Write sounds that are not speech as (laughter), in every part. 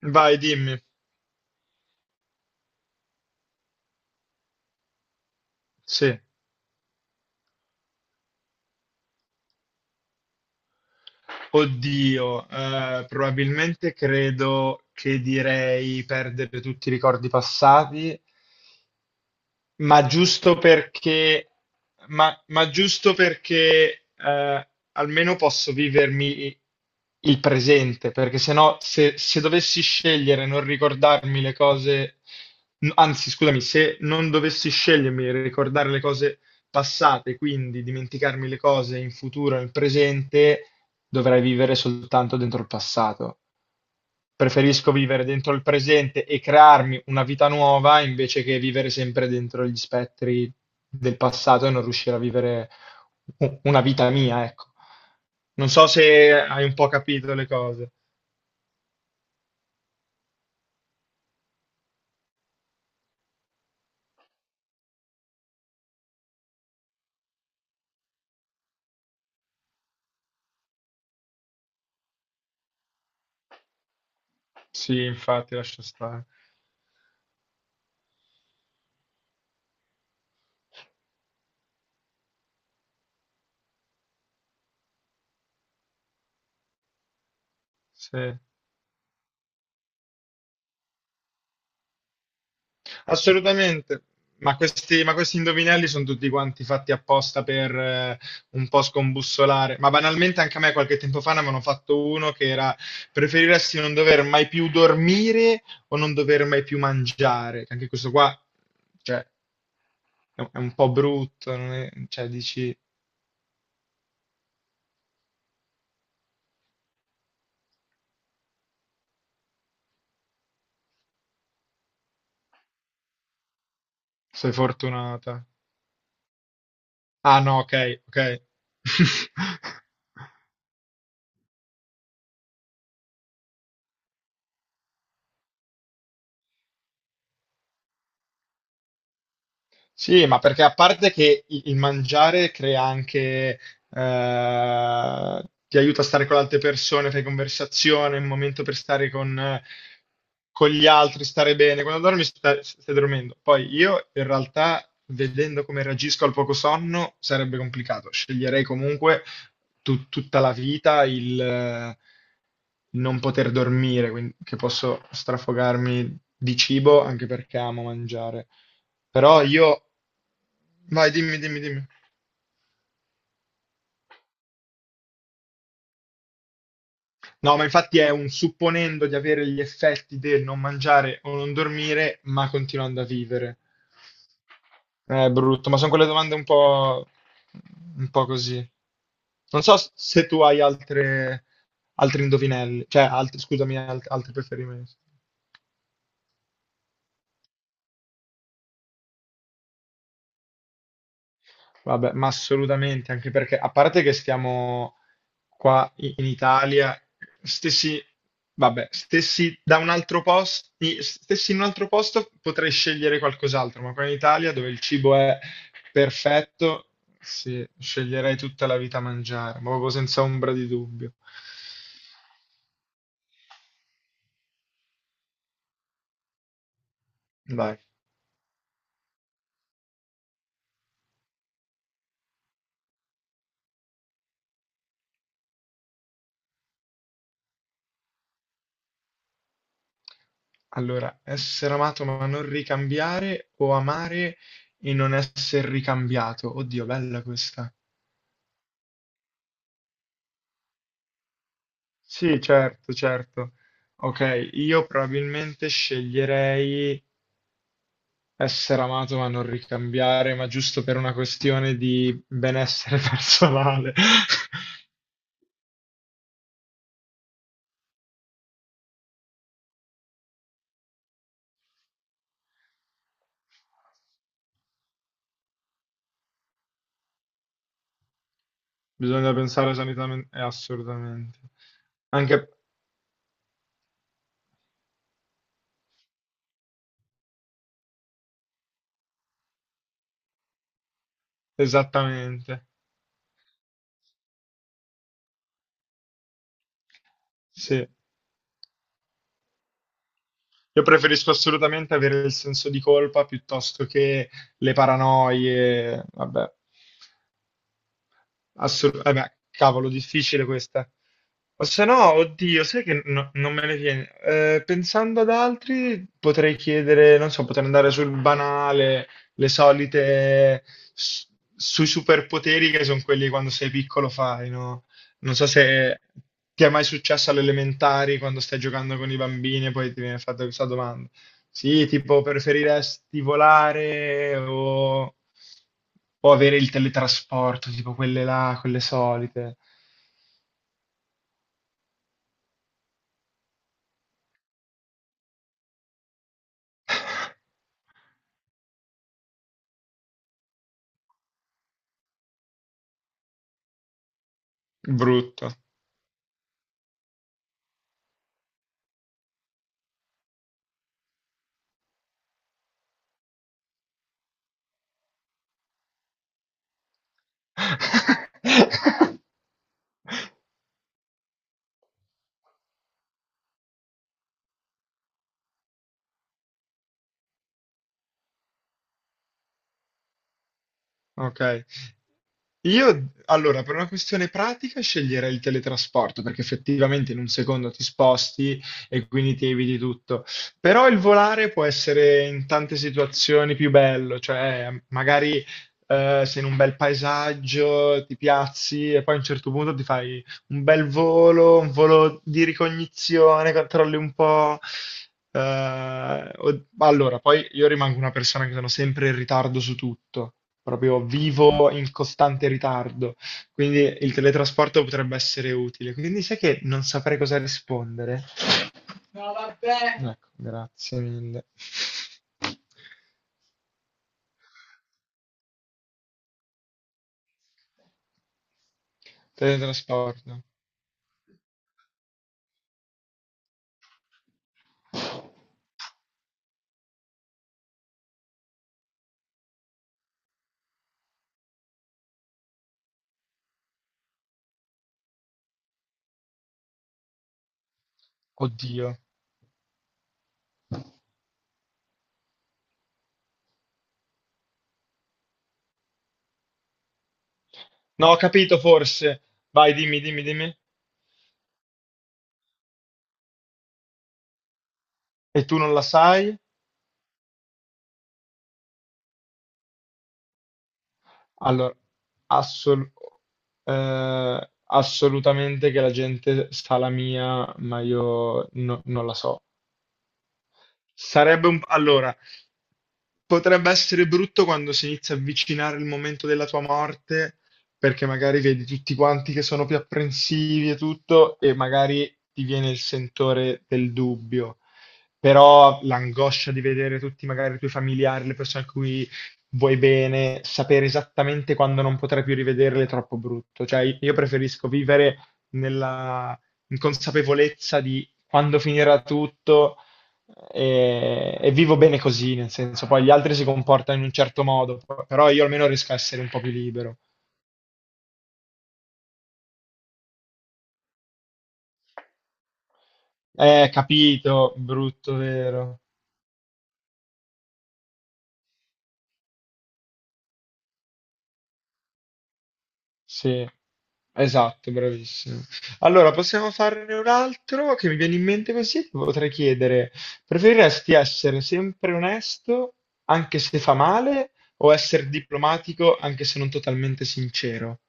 Vai, dimmi. Sì. Oddio, probabilmente credo che direi perdere tutti i ricordi passati. Ma giusto perché, ma giusto perché almeno posso vivermi il presente, perché sennò se dovessi scegliere non ricordarmi le cose, anzi scusami, se non dovessi scegliermi e ricordare le cose passate, quindi dimenticarmi le cose in futuro, nel presente, dovrei vivere soltanto dentro il passato. Preferisco vivere dentro il presente e crearmi una vita nuova invece che vivere sempre dentro gli spettri del passato e non riuscire a vivere una vita mia, ecco. Non so se hai un po' capito le cose. Sì, infatti, lascia stare. Sì. Assolutamente, ma questi indovinelli sono tutti quanti fatti apposta per un po' scombussolare. Ma banalmente anche a me qualche tempo fa ne avevano fatto uno che era: preferiresti non dover mai più dormire o non dover mai più mangiare. Anche questo qua, cioè, è un po' brutto, non è- cioè, dici, sei fortunata. Ah no, ok, ok. (laughs) Sì, ma perché a parte che il mangiare crea anche, ti aiuta a stare con le altre persone, fai conversazione, è un momento per stare con gli altri, stare bene. Quando dormi stai dormendo. Poi io in realtà, vedendo come reagisco al poco sonno, sarebbe complicato. Sceglierei comunque tutta la vita non poter dormire, quindi che posso strafogarmi di cibo anche perché amo mangiare. Però io... Vai, dimmi, dimmi, dimmi. No, ma infatti è un supponendo di avere gli effetti del non mangiare o non dormire, ma continuando a vivere. È brutto, ma sono quelle domande un po' così. Non so se tu hai altre, altri indovinelli, cioè altri, scusami, altri preferimenti. Vabbè, ma assolutamente, anche perché a parte che stiamo qua in Italia, stessi, vabbè, stessi da un altro posto, stessi in un altro posto potrei scegliere qualcos'altro, ma qua in Italia dove il cibo è perfetto, sì, sceglierei tutta la vita a mangiare, ma proprio senza ombra di dubbio. Dai. Allora, essere amato ma non ricambiare o amare e non essere ricambiato. Oddio, bella questa. Sì, certo, certo. Ok, io probabilmente sceglierei essere amato ma non ricambiare, ma giusto per una questione di benessere (laughs) personale. Bisogna pensare sanitamente, assolutamente. Anche esattamente. Sì. Io preferisco assolutamente avere il senso di colpa piuttosto che le paranoie. Vabbè. Eh beh, cavolo, difficile questa. O se no, oddio, sai che non me ne viene. Pensando ad altri, potrei chiedere, non so, potrei andare sul banale, le solite, s- sui superpoteri che sono quelli che quando sei piccolo fai, no? Non so se ti è mai successo alle elementari quando stai giocando con i bambini e poi ti viene fatta questa domanda. Sì, tipo preferiresti o avere il teletrasporto, tipo quelle là, quelle solite. (laughs) Brutto. (laughs) Ok. Io, allora, per una questione pratica sceglierei il teletrasporto perché effettivamente in un secondo ti sposti e quindi ti eviti tutto. Però il volare può essere in tante situazioni più bello, cioè magari sei in un bel paesaggio, ti piazzi e poi a un certo punto ti fai un bel volo, un volo di ricognizione, controlli un po'. Allora, poi io rimango una persona che sono sempre in ritardo su tutto, proprio vivo in costante ritardo, quindi il teletrasporto potrebbe essere utile. Quindi sai che non saprei cosa rispondere. No, vabbè. Ecco, grazie mille. Teletrasporto. Oddio. No, ho capito forse. Vai, dimmi, dimmi, dimmi. E tu non la sai? Allora, assol- assolutamente che la gente sa la mia, ma io non la so. Sarebbe un... Allora, potrebbe essere brutto quando si inizia a avvicinare il momento della tua morte, perché magari vedi tutti quanti che sono più apprensivi e tutto, e magari ti viene il sentore del dubbio. Però l'angoscia di vedere tutti magari i tuoi familiari, le persone a cui vuoi bene, sapere esattamente quando non potrai più rivederle è troppo brutto. Cioè, io preferisco vivere nella inconsapevolezza di quando finirà tutto e vivo bene così, nel senso, poi gli altri si comportano in un certo modo, però io almeno riesco a essere un po' più libero. Capito, brutto, vero? Sì, esatto, bravissimo. Allora, possiamo farne un altro che mi viene in mente così, ti potrei chiedere, preferiresti essere sempre onesto anche se fa male o essere diplomatico anche se non totalmente sincero?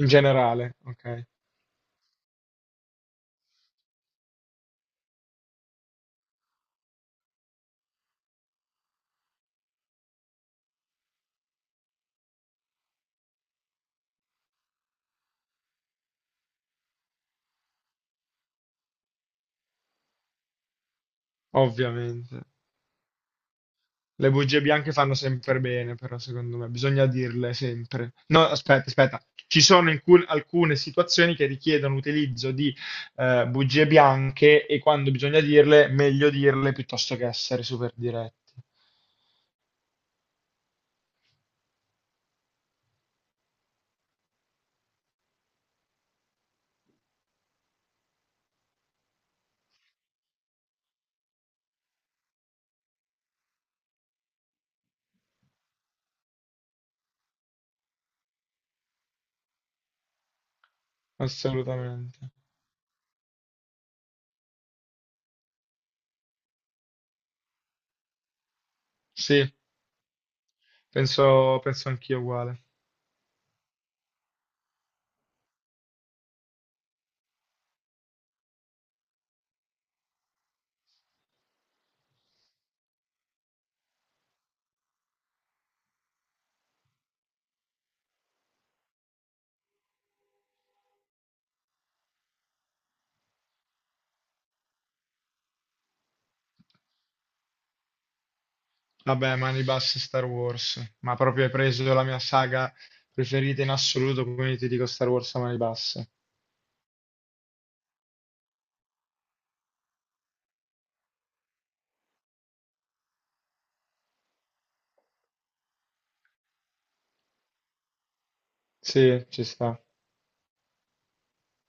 In generale, ok, ovviamente. Le bugie bianche fanno sempre bene, però secondo me bisogna dirle sempre. No, aspetta, aspetta. Ci sono alcune situazioni che richiedono l'utilizzo di bugie bianche e quando bisogna dirle, meglio dirle piuttosto che essere super diretti. Assolutamente. Sì, penso anch'io uguale. Vabbè, mani basse Star Wars, ma proprio hai preso la mia saga preferita in assoluto, quindi ti dico Star Wars a mani basse. Sì, ci sta.